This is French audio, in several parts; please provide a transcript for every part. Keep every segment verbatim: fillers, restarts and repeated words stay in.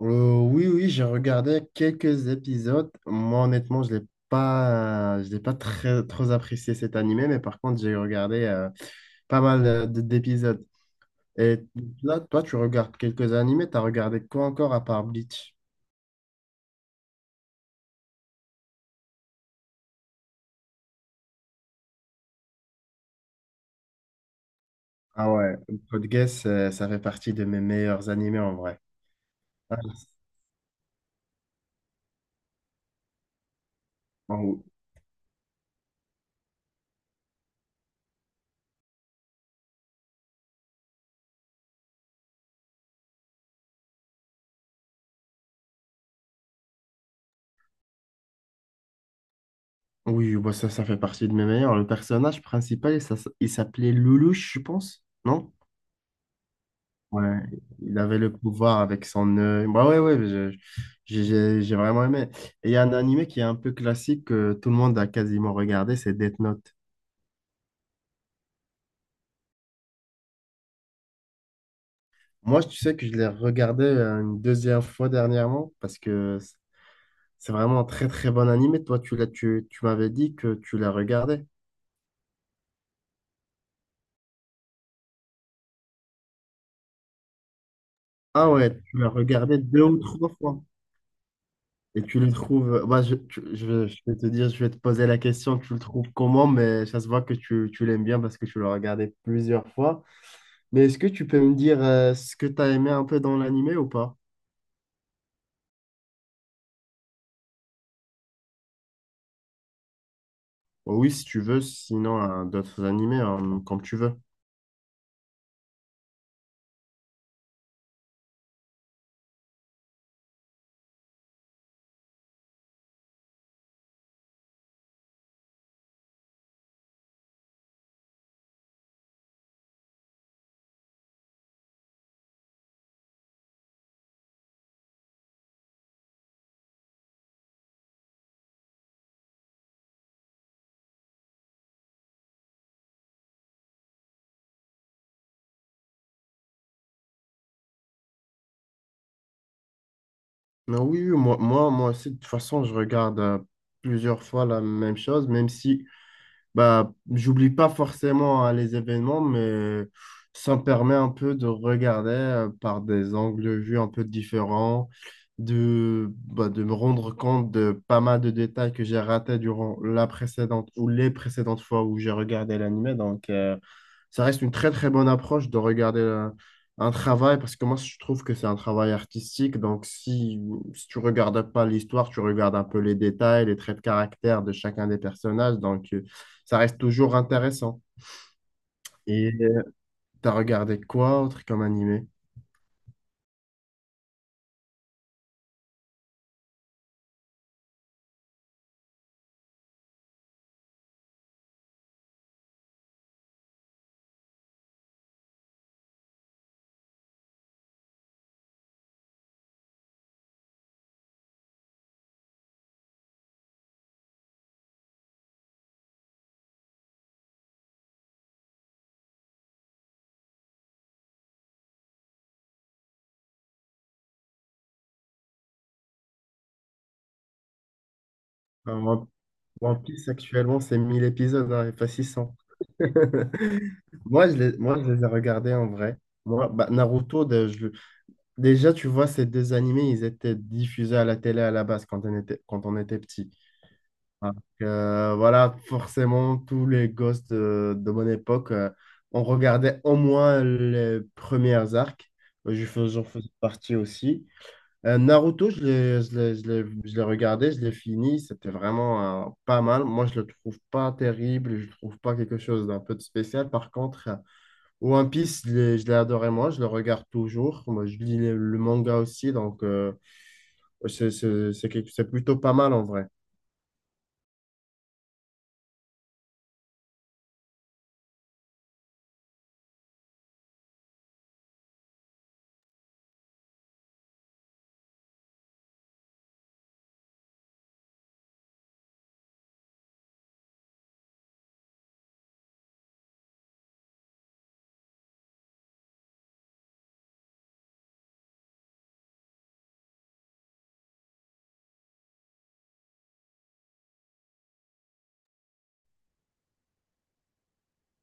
Euh, oui, oui, j'ai regardé quelques épisodes. Moi, honnêtement, je l'ai pas, je l'ai pas très, trop apprécié cet animé, mais par contre, j'ai regardé euh, pas mal euh, d- d'épisodes. Et là, toi, tu regardes quelques animés, t'as regardé quoi encore à part Bleach? Ah ouais, Code Geass, euh, ça fait partie de mes meilleurs animés en vrai. Ah, en- oui, bah ça, ça fait partie de mes meilleurs. Le personnage principal, ça, s- il s'appelait Lelouch, je pense, non? Ouais, il avait le pouvoir avec son œil. Bah ouais, ouais, je- j'ai j'ai- j'ai vraiment aimé. Et il y a un animé qui est un peu classique que tout le monde a quasiment regardé, c'est Death Note. Moi, tu sais que je l'ai regardé euh, une deuxième fois dernièrement parce que c'est vraiment un très très bon animé. Toi, tu l'as, tu, tu m'avais dit que tu l'as regardé. Ah ouais, tu l'as regardé deux ou trois fois. Et tu le trouves. euh, Bah, je, tu- je, je vais te dire, je vais te poser la question, tu le trouves comment, mais ça se voit que tu, tu l'aimes bien parce que tu l'as regardé plusieurs fois. Mais est-ce que tu peux me dire euh, ce que tu as aimé un peu dans l'animé ou pas? Oh oui, si tu veux, sinon hein, d'autres animés, hein, comme tu veux. Non, oui, oui, moi, moi, moi aussi, de toute façon, je regarde euh, plusieurs fois la même chose, même si. Bah, j'oublie pas forcément hein, les événements, mais ça me permet un peu de regarder euh, par des angles de vue un peu différents, de, bah, de me rendre compte de pas mal de détails que j'ai ratés durant la précédente ou les précédentes fois où j'ai regardé l'anime. Donc, euh, ça reste une très très bonne approche de regarder euh, un travail parce que moi, je trouve que c'est un travail artistique. Donc, si, si tu regardes pas l'histoire, tu regardes un peu les détails, les traits de caractère de chacun des personnages. Donc, euh, ça reste toujours intéressant. Et euh, t'as regardé quoi autre comme animé? Alors, One One Piece actuellement, c'est mille épisodes, hein, et pas six cents. Moi, je les, moi, je les ai regardés en vrai. Moi, bah, Naruto, dé- je- déjà, tu vois, ces deux animés, ils étaient diffusés à la télé à la base quand on était, quand on était petit. Donc, euh, voilà, forcément, tous les gosses de, de mon époque, euh, on regardait au moins les premières arcs. Euh, Je fais- J'en faisais partie aussi. Euh, Naruto, je l'ai, je l'ai- je l'ai- je l'ai regardé, je l'ai fini, c'était vraiment euh, pas mal. Moi, je le trouve pas terrible, je le trouve pas quelque chose d'un peu de spécial. Par contre, euh, One Piece, je l'ai je l'ai adoré, moi, je le regarde toujours. Moi, je lis le, le manga aussi, donc euh, c'est c'est- c'est quelque- c'est plutôt pas mal en vrai.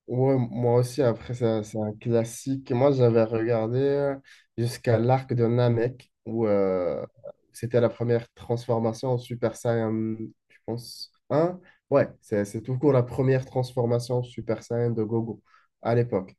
Ouais, moi aussi, après, ça- c'est un classique. Moi, j'avais regardé euh, jusqu'à l'arc de Namek, où euh, c'était la première transformation en Super Saiyan, je pense, un. Ouais, c'est c'est tout court la première transformation en Super Saiyan de Gogo à l'époque.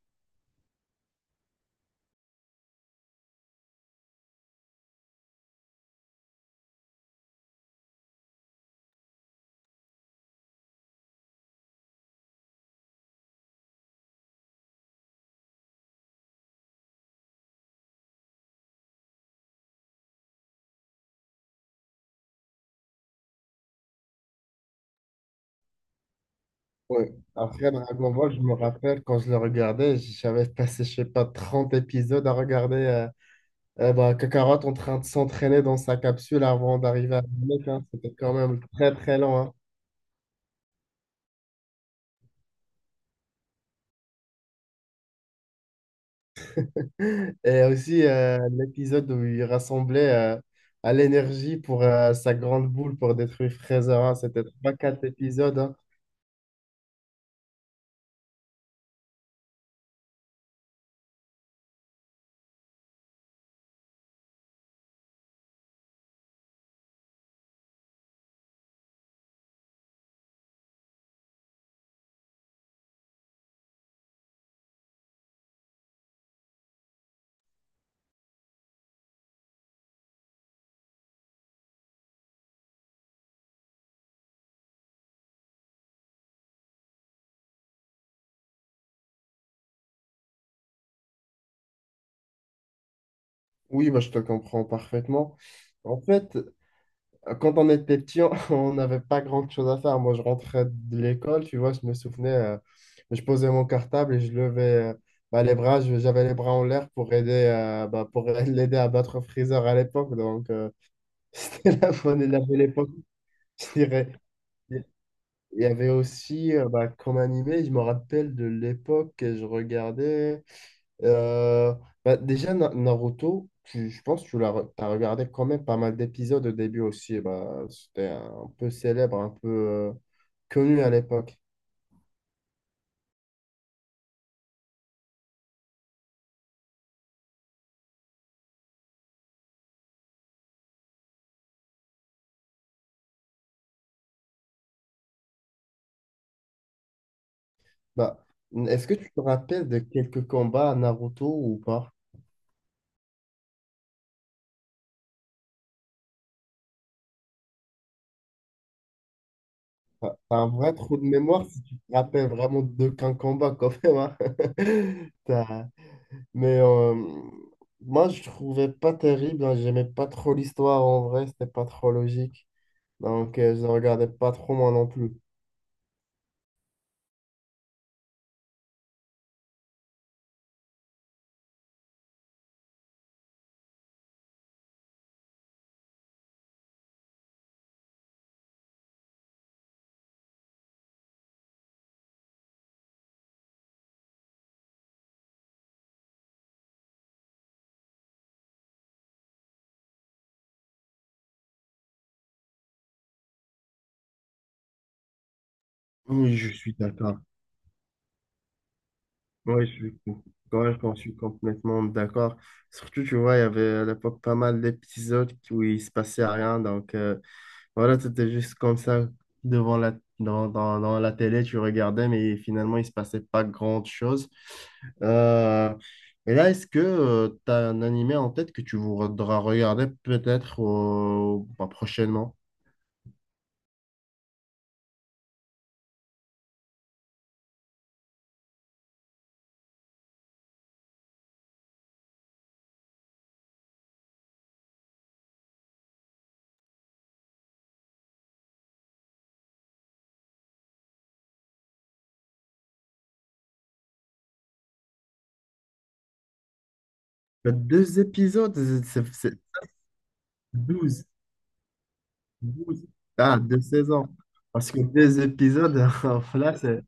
Ouais. Après Dragon Ball, je me rappelle quand je le regardais, j'avais passé, je sais pas, trente épisodes à regarder euh, euh, bah, Kakarot en train de s'entraîner dans sa capsule avant d'arriver à Namek. Hein. C'était quand même très, très lent. Et aussi euh, l'épisode où il rassemblait euh, à l'énergie pour euh, sa grande boule pour détruire Freezer. Hein. C'était trois quatre épisodes. Hein. Oui, bah, je te comprends parfaitement. En fait, quand on était petit, on on n'avait pas grand-chose à faire. Moi, je rentrais de l'école, tu vois, je me souvenais, euh, je posais mon cartable et je levais euh, bah, les bras, je- j'avais les bras en l'air pour aider, euh, bah, pour l'aider à battre Freezer à l'époque. Donc, euh, c'était la bonne et la belle époque, je dirais. Il y avait aussi, euh, bah, comme animé, je me rappelle de l'époque que je regardais. euh, Bah, déjà, Na- Naruto, tu- je pense que tu l'as, as regardé quand même pas mal d'épisodes au début aussi. Bah, c'était un peu célèbre, un peu euh, connu à l'époque. Bah, est-ce que tu te rappelles de quelques combats à Naruto ou pas? T'as t'as un vrai trou de mémoire si tu te rappelles vraiment d'aucun combat quand même. Hein. Mais euh, moi, je trouvais pas terrible. Hein, j'aimais pas trop l'histoire en vrai. C'était pas trop logique. Donc, euh, je ne regardais pas trop moi non plus. Oui, je suis d'accord. Oui, je suis, quand même, je suis complètement d'accord. Surtout, tu vois, il y avait à l'époque pas mal d'épisodes où il se passait rien. Donc, euh, voilà, c'était juste comme ça, devant la, dans, dans, dans la télé, tu regardais, mais finalement, il se passait pas grand-chose. Euh, et là, est-ce que tu as un animé en tête que tu voudras regarder peut-être au- bah, prochainement? Il y a deux épisodes, c'est c'est- c'est douze, douze. Ah, deux saisons. Parce que deux épisodes, là, c'est,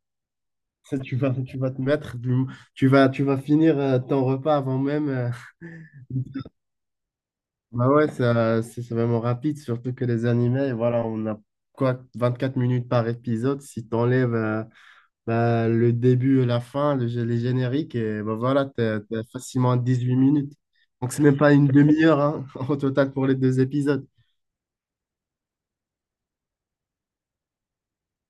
c'est- tu vas, tu vas te mettre, du- tu vas, tu vas finir euh, ton repas avant même. euh, Bah ouais, ça, c'est c'est vraiment rapide, surtout que les animés, voilà, on a quoi, vingt-quatre minutes par épisode. Si t'enlèves euh, bah, le début et la fin, le, gé- les génériques, et bah voilà, t'es, t'es facilement à huit minutes. Donc c'est même pas une demi-heure hein, au total pour les deux épisodes.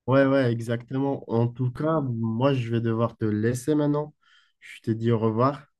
Ouais, ouais, exactement. En tout cas, moi, je vais devoir te laisser maintenant. Je te dis au revoir.